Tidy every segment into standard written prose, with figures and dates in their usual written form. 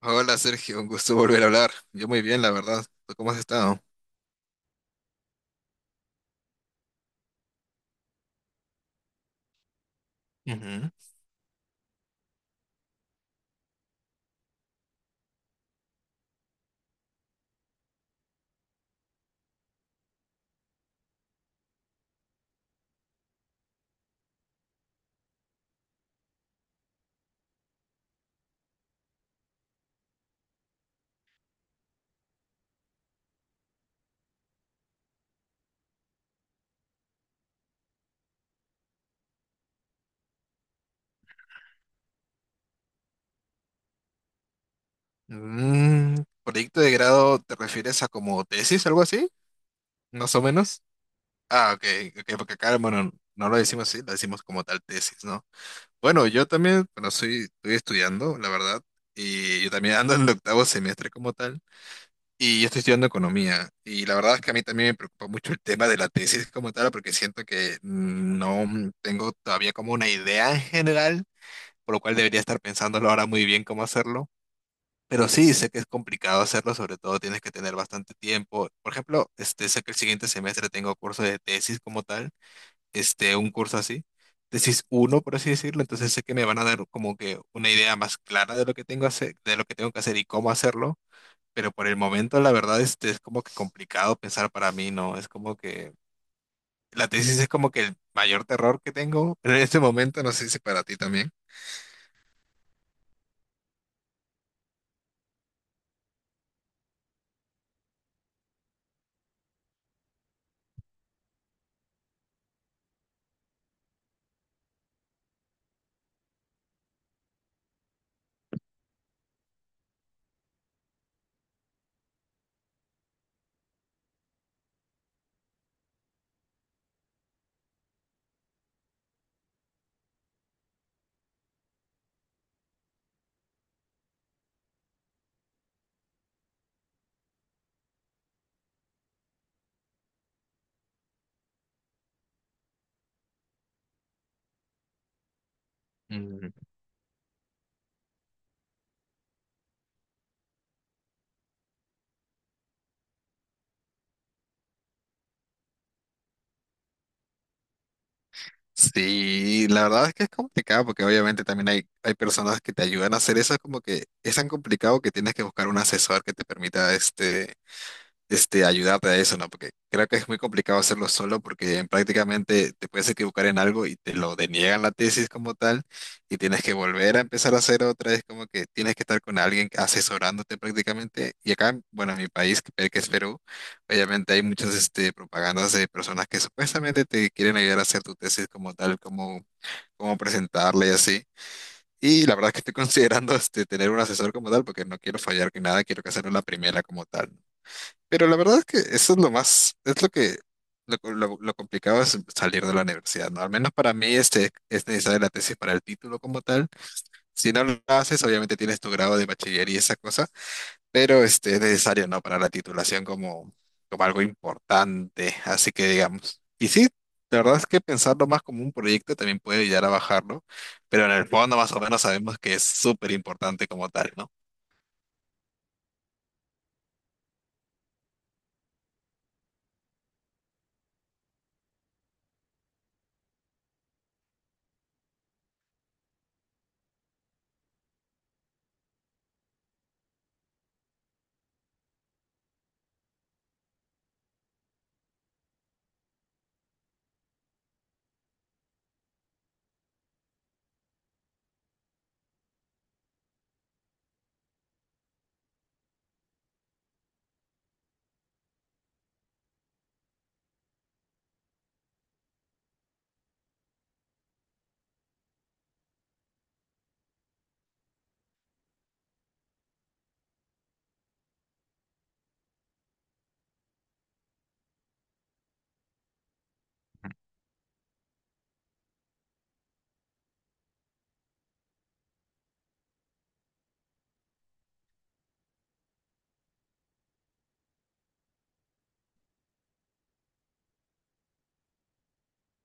Hola Sergio, un gusto volver a hablar. Yo muy bien, la verdad. ¿Tú cómo has estado? Ujú. Mm, ¿proyecto de grado te refieres a como tesis, algo así? Más o menos. Ah, ok, ok, porque acá, bueno, no lo decimos así, lo decimos como tal tesis, ¿no? Bueno, yo también, bueno, soy, estoy estudiando, la verdad, y yo también ando en el octavo semestre como tal, y yo estoy estudiando economía, y la verdad es que a mí también me preocupa mucho el tema de la tesis como tal, porque siento que no tengo todavía como una idea en general por lo cual debería estar pensándolo ahora muy bien cómo hacerlo. Pero sí, sé que es complicado hacerlo, sobre todo tienes que tener bastante tiempo. Por ejemplo, este, sé que el siguiente semestre tengo curso de tesis como tal, este, un curso así, tesis uno por así decirlo, entonces sé que me van a dar como que una idea más clara de lo que tengo hacer, de lo que tengo que hacer y cómo hacerlo, pero por el momento la verdad este, es como que complicado pensar para mí, ¿no? Es como que la tesis es como que el mayor terror que tengo en este momento, no sé si para ti también. Sí, la verdad es que es complicado porque obviamente también hay personas que te ayudan a hacer eso, es como que es tan complicado que tienes que buscar un asesor que te permita ayudarte a eso, ¿no? Porque creo que es muy complicado hacerlo solo porque en prácticamente te puedes equivocar en algo y te lo deniegan la tesis como tal y tienes que volver a empezar a hacer otra. Es como que tienes que estar con alguien asesorándote prácticamente. Y acá, bueno, en mi país, que es Perú, obviamente hay muchas este, propagandas de personas que supuestamente te quieren ayudar a hacer tu tesis como tal, como presentarla y así. Y la verdad es que estoy considerando este, tener un asesor como tal porque no quiero fallar que nada, quiero que hacerlo la primera como tal. Pero la verdad es que eso es lo más, es lo que lo complicado es salir de la universidad, ¿no? Al menos para mí este, es necesaria la tesis para el título como tal. Si no lo haces, obviamente tienes tu grado de bachiller y esa cosa, pero este, es necesario, ¿no? Para la titulación como algo importante, así que digamos. Y sí, la verdad es que pensarlo más como un proyecto también puede ayudar a bajarlo, pero en el fondo más o menos sabemos que es súper importante como tal, ¿no?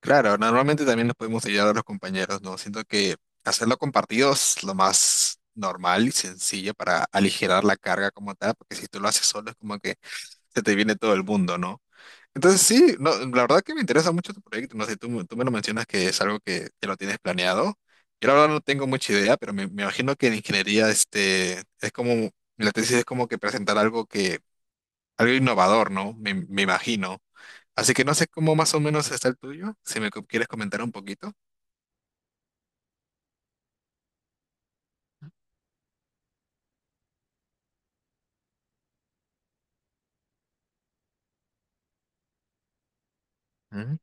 Claro, normalmente también nos podemos ayudar a los compañeros, ¿no? Siento que hacerlo compartido es lo más normal y sencillo para aligerar la carga como tal, porque si tú lo haces solo es como que se te viene todo el mundo, ¿no? Entonces sí, no, la verdad que me interesa mucho tu proyecto, no sé, tú me lo mencionas que es algo que lo tienes planeado. Yo la verdad no tengo mucha idea, pero me imagino que en ingeniería este, es como, la tesis es como que presentar algo innovador, ¿no? Me imagino. Así que no sé cómo más o menos está el tuyo, si quieres comentar un poquito. Ujú.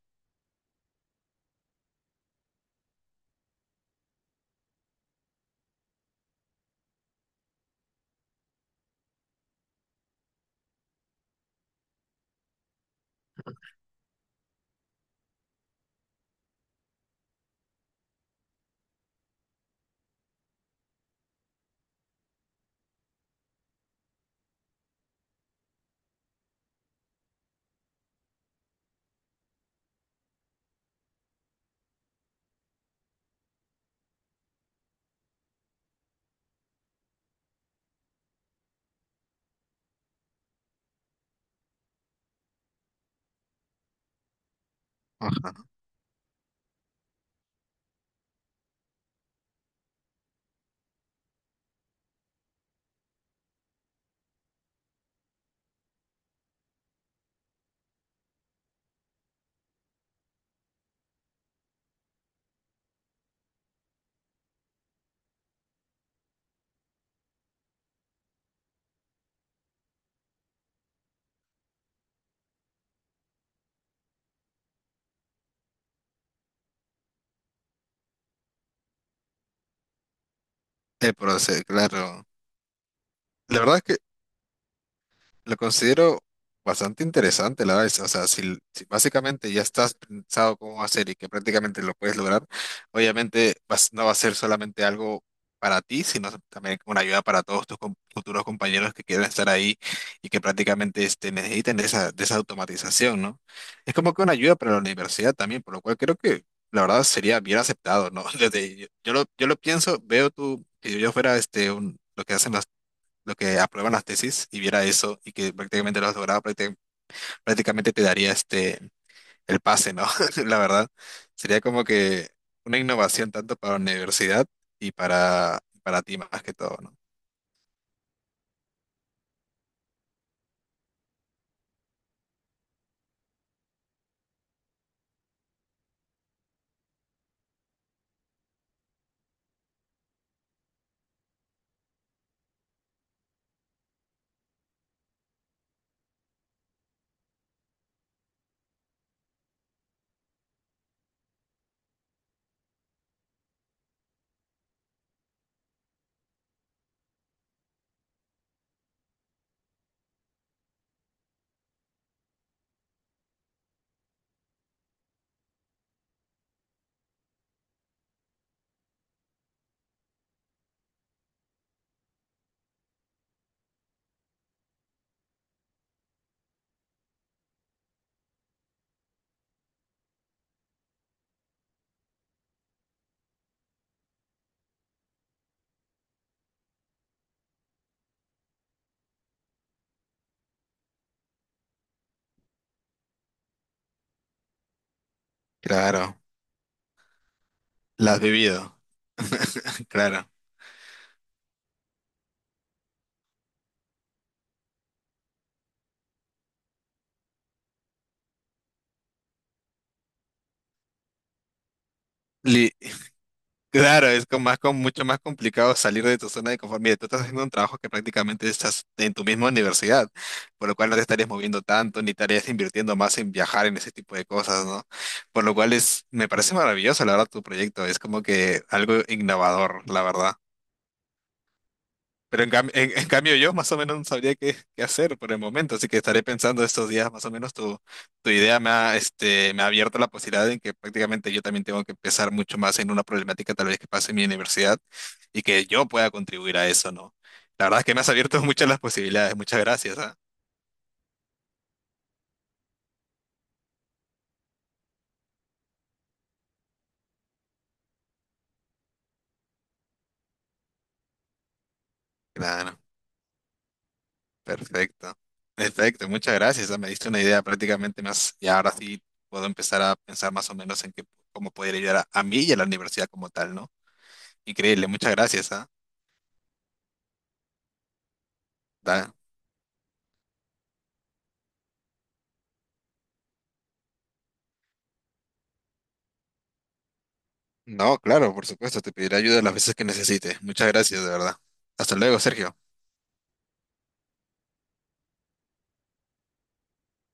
Ajá. El proceso, claro. La verdad lo considero bastante interesante, la verdad. O sea, si básicamente ya estás pensado cómo hacer y que prácticamente lo puedes lograr, obviamente no va a ser solamente algo para ti, sino también una ayuda para todos tus futuros compañeros que quieran estar ahí y que prácticamente este, necesiten de de esa automatización, ¿no? Es como que una ayuda para la universidad también, por lo cual creo que la verdad sería bien aceptado, ¿no? Desde, yo lo pienso, veo tú, si yo fuera este, un, lo que hacen lo que aprueban las tesis y viera eso y que prácticamente lo has logrado, prácticamente te daría este el pase, ¿no? La verdad, sería como que una innovación tanto para la universidad y para ti más que todo, ¿no? Claro, la has vivido. Claro. Li- Claro, es con más, con mucho más complicado salir de tu zona de conformidad. Tú estás haciendo un trabajo que prácticamente estás en tu misma universidad, por lo cual no te estarías moviendo tanto, ni estarías invirtiendo más en viajar en ese tipo de cosas, ¿no? Por lo cual es, me parece maravilloso, la verdad, tu proyecto. Es como que algo innovador, la verdad. Pero en cambio yo más o menos no sabría qué hacer por el momento, así que estaré pensando estos días más o menos tu, tu idea me ha, este, me ha abierto la posibilidad en que prácticamente yo también tengo que pensar mucho más en una problemática tal vez que pase en mi universidad y que yo pueda contribuir a eso, ¿no? La verdad es que me has abierto muchas las posibilidades, muchas gracias, ¿ah? Claro, perfecto. Perfecto, muchas gracias, ah, me diste una idea prácticamente más y ahora sí puedo empezar a pensar más o menos en qué, cómo poder ayudar a mí y a la universidad como tal, ¿no? Increíble, muchas gracias, ¿ah? Da- No, claro, por supuesto, te pediré ayuda las veces que necesites. Muchas gracias, de verdad. Hasta luego, Sergio.